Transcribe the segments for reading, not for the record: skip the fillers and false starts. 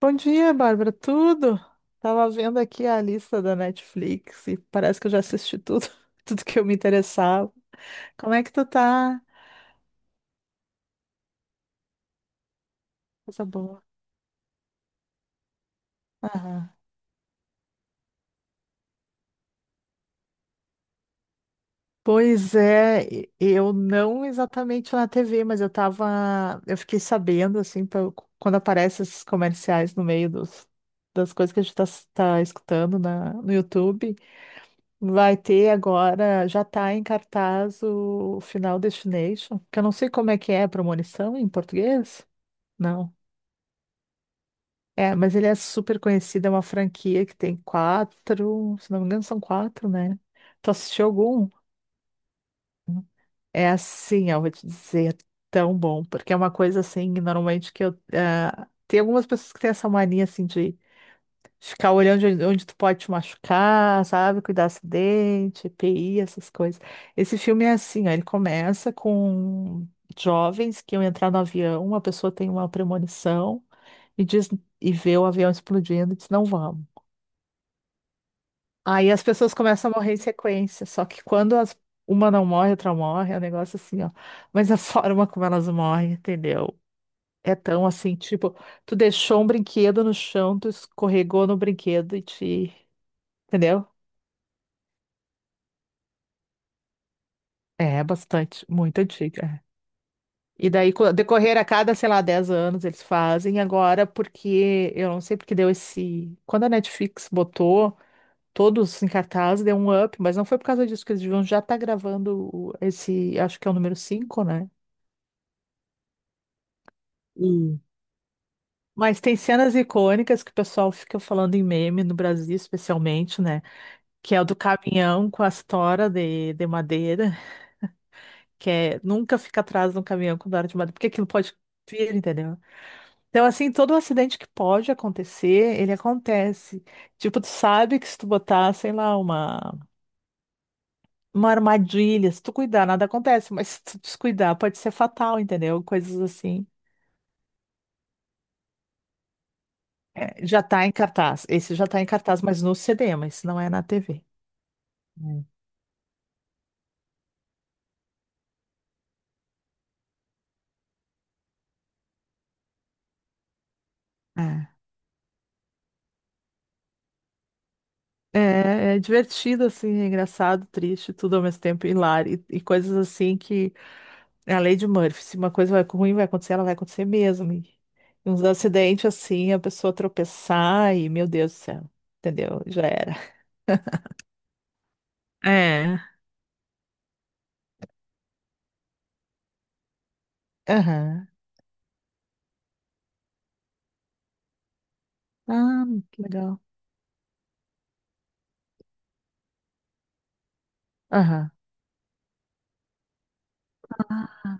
Bom dia, Bárbara. Tudo? Tava vendo aqui a lista da Netflix e parece que eu já assisti tudo, tudo que eu me interessava. Como é que tu tá? Coisa boa. Aham. Pois é, eu não exatamente na TV, mas eu tava, eu fiquei sabendo assim, quando aparecem esses comerciais no meio dos, das coisas que a gente tá escutando no YouTube. Vai ter agora, já está em cartaz o Final Destination, que eu não sei como é que é a premonição em português. Não. É, mas ele é super conhecido, é uma franquia que tem quatro, se não me engano, são quatro, né? Tu assistiu algum? É assim, eu vou te dizer, é tão bom, porque é uma coisa assim, normalmente tem algumas pessoas que têm essa mania assim de ficar olhando onde tu pode te machucar, sabe? Cuidar acidente, EPI, essas coisas. Esse filme é assim, ó, ele começa com jovens que iam entrar no avião, uma pessoa tem uma premonição e diz e vê o avião explodindo e diz não vamos. Aí as pessoas começam a morrer em sequência, só que quando uma não morre, outra morre, é um negócio assim, ó. Mas a forma como elas morrem, entendeu? É tão assim, tipo, tu deixou um brinquedo no chão, tu escorregou no brinquedo e te, entendeu? É, bastante, muito antiga. É. E daí, decorrer a cada, sei lá, 10 anos, eles fazem agora, porque eu não sei porque deu esse. Quando a Netflix botou todos em cartaz, deu um up, mas não foi por causa disso que eles deviam já estar gravando esse, acho que é o número 5, né? Hum. Mas tem cenas icônicas que o pessoal fica falando em meme no Brasil, especialmente, né? Que é o do caminhão com as toras de madeira, que é nunca fica atrás de um caminhão com vara de madeira, porque aquilo pode vir, entendeu? Então, assim, todo acidente que pode acontecer, ele acontece. Tipo, tu sabe que se tu botar, sei lá, uma armadilha, se tu cuidar, nada acontece, mas se tu descuidar, pode ser fatal, entendeu? Coisas assim. É, já tá em cartaz. Esse já tá em cartaz, mas no CD, mas não é na TV. Hum. É, é divertido, assim, é engraçado, triste, tudo ao mesmo tempo, hilário, e coisas assim que é a lei de Murphy. Se uma coisa vai ruim vai acontecer, ela vai acontecer mesmo. E uns acidentes assim, a pessoa tropeçar e, meu Deus do céu, entendeu? Já era. É. Aham. Ah, que legal. Aham. Ah,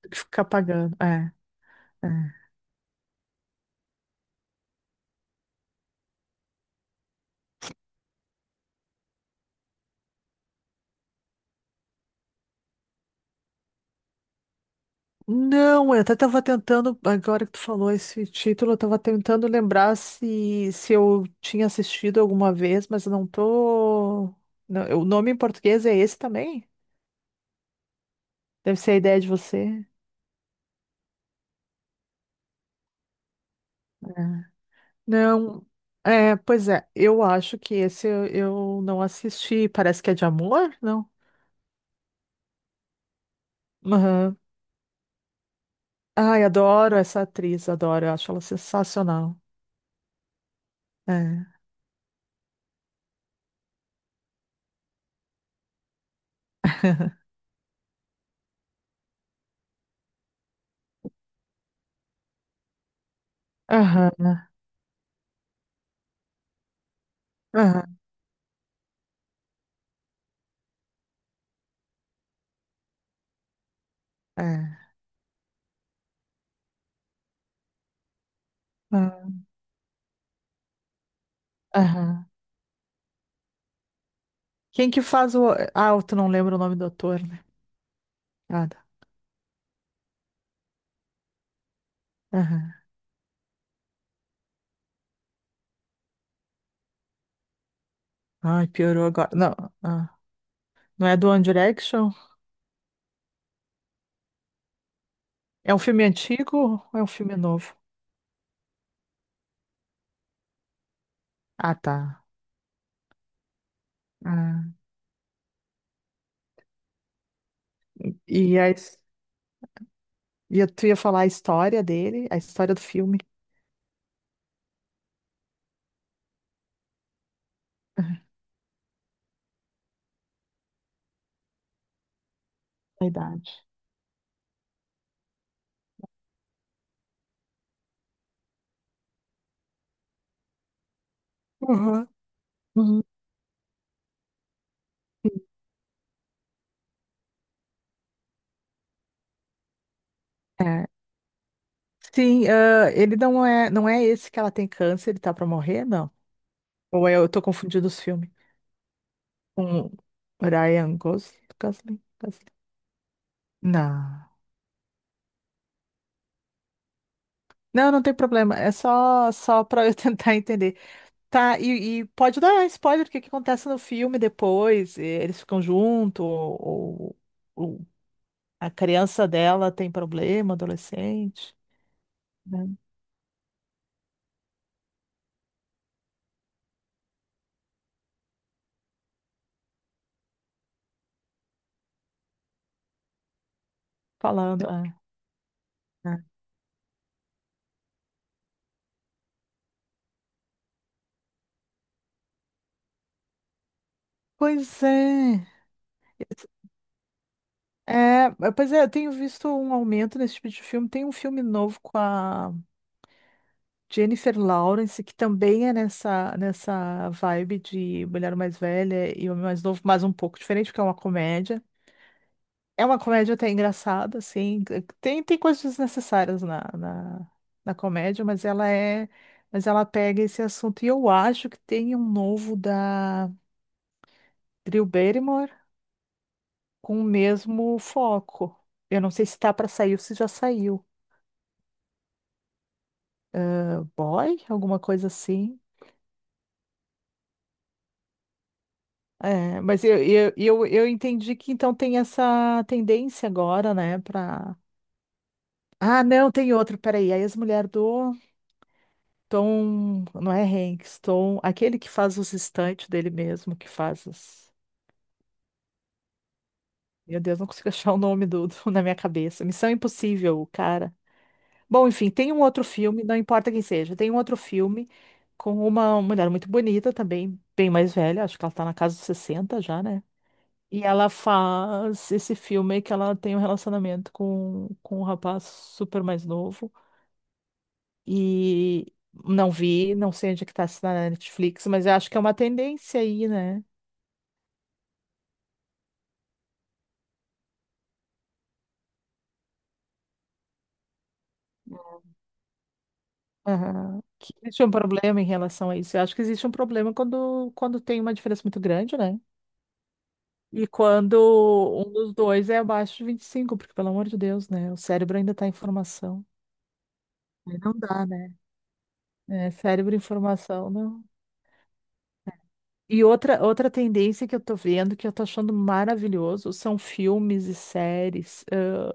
tem que ficar pagando. É, é. Não, eu até tava tentando, agora que tu falou esse título, eu tava tentando lembrar se eu tinha assistido alguma vez, mas eu não tô. Não, o nome em português é esse também? Deve ser a ideia de você. É. Não, é, pois é, eu acho que esse eu não assisti, parece que é de amor, não? Aham. Ai, adoro essa atriz, adoro, eu acho ela sensacional. É. Aham, aham, é. ah, Aham. Quem que faz o... Ah, tu não lembra o nome do ator, né? Nada. Aham. Ai, piorou agora. Não, ah, não é do One Direction? É um filme antigo ou é um filme novo? Ah, tá. Ah. E, a... his- e tu ia falar a história dele, a história do filme? A idade. Uhum. Uhum. É. Sim, ah, ele não é, esse que ela tem câncer, ele tá pra morrer, não? Ou eu tô confundindo os filmes com Ryan Gosling? Gosling? Não. Não, não tem problema. É só para eu tentar entender. Tá, e pode dar spoiler, o que que acontece no filme depois? E eles ficam juntos, ou a criança dela tem problema, adolescente, né? Falando. É, é. Pois é. É, mas, pois é, eu tenho visto um aumento nesse tipo de filme. Tem um filme novo com a Jennifer Lawrence, que também é nessa vibe de mulher mais velha e homem mais novo, mas um pouco diferente, porque é uma comédia. É uma comédia até engraçada, assim. Tem coisas desnecessárias na comédia, mas ela é. Mas ela pega esse assunto. E eu acho que tem um novo da Drew Barrymore com o mesmo foco. Eu não sei se tá para sair ou se já saiu. Boy? Alguma coisa assim. É, mas eu entendi que então tem essa tendência agora, né, pra... Ah, não, tem outro, peraí, a ex-mulher do Tom, não é Hanks, Tom, aquele que faz os estantes dele mesmo, que faz os... Meu Deus, não consigo achar o nome na minha cabeça. Missão Impossível, o cara. Bom, enfim, tem um outro filme, não importa quem seja, tem um outro filme com uma mulher muito bonita também, bem mais velha, acho que ela tá na casa dos 60 já, né? E ela faz esse filme que ela tem um relacionamento com um rapaz super mais novo. E não vi, não sei onde é que tá se tá na Netflix, mas eu acho que é uma tendência aí, né? Aham. Que existe um problema em relação a isso. Eu acho que existe um problema quando tem uma diferença muito grande, né? E quando um dos dois é abaixo de 25 porque, pelo amor de Deus, né? O cérebro ainda tá em formação. Aí não dá, né? É, cérebro em formação, não. E outra tendência que eu tô vendo, que eu tô achando maravilhoso, são filmes e séries,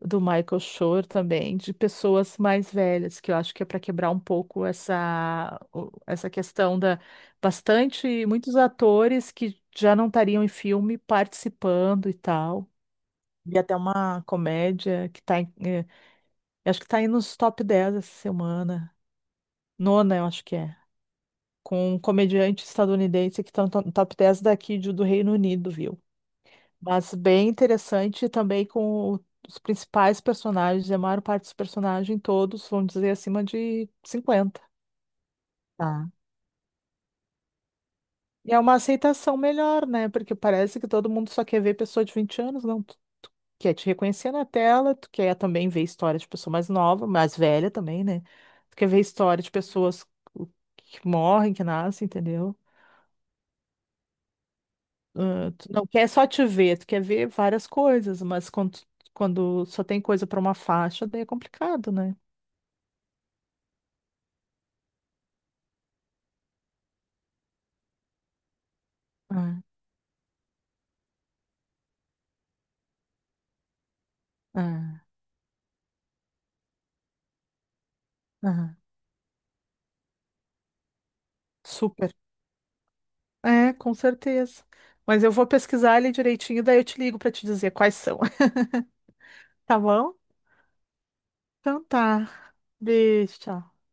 do Michael Schur também, de pessoas mais velhas, que eu acho que é para quebrar um pouco essa questão da bastante, muitos atores que já não estariam em filme participando e tal. E até uma comédia que tá eu acho que tá aí nos top 10 essa semana. Nona, eu acho que é com um comediante estadunidense que está no top 10 daqui do Reino Unido, viu? Mas bem interessante também com os principais personagens, e a maior parte dos personagens, todos, vamos dizer, acima de 50. Tá. E é uma aceitação melhor, né? Porque parece que todo mundo só quer ver pessoa de 20 anos, não. Tu quer te reconhecer na tela, tu quer também ver história de pessoa mais nova, mais velha também, né? Tu quer ver história de pessoas que morrem, que nascem, entendeu? Ah, tu não quer só te ver, tu quer ver várias coisas, mas quando só tem coisa para uma faixa, daí é complicado, né? É, é, é. Super. É, com certeza. Mas eu vou pesquisar ele direitinho, daí eu te ligo para te dizer quais são. Tá bom? Então tá. Beijo, tchau.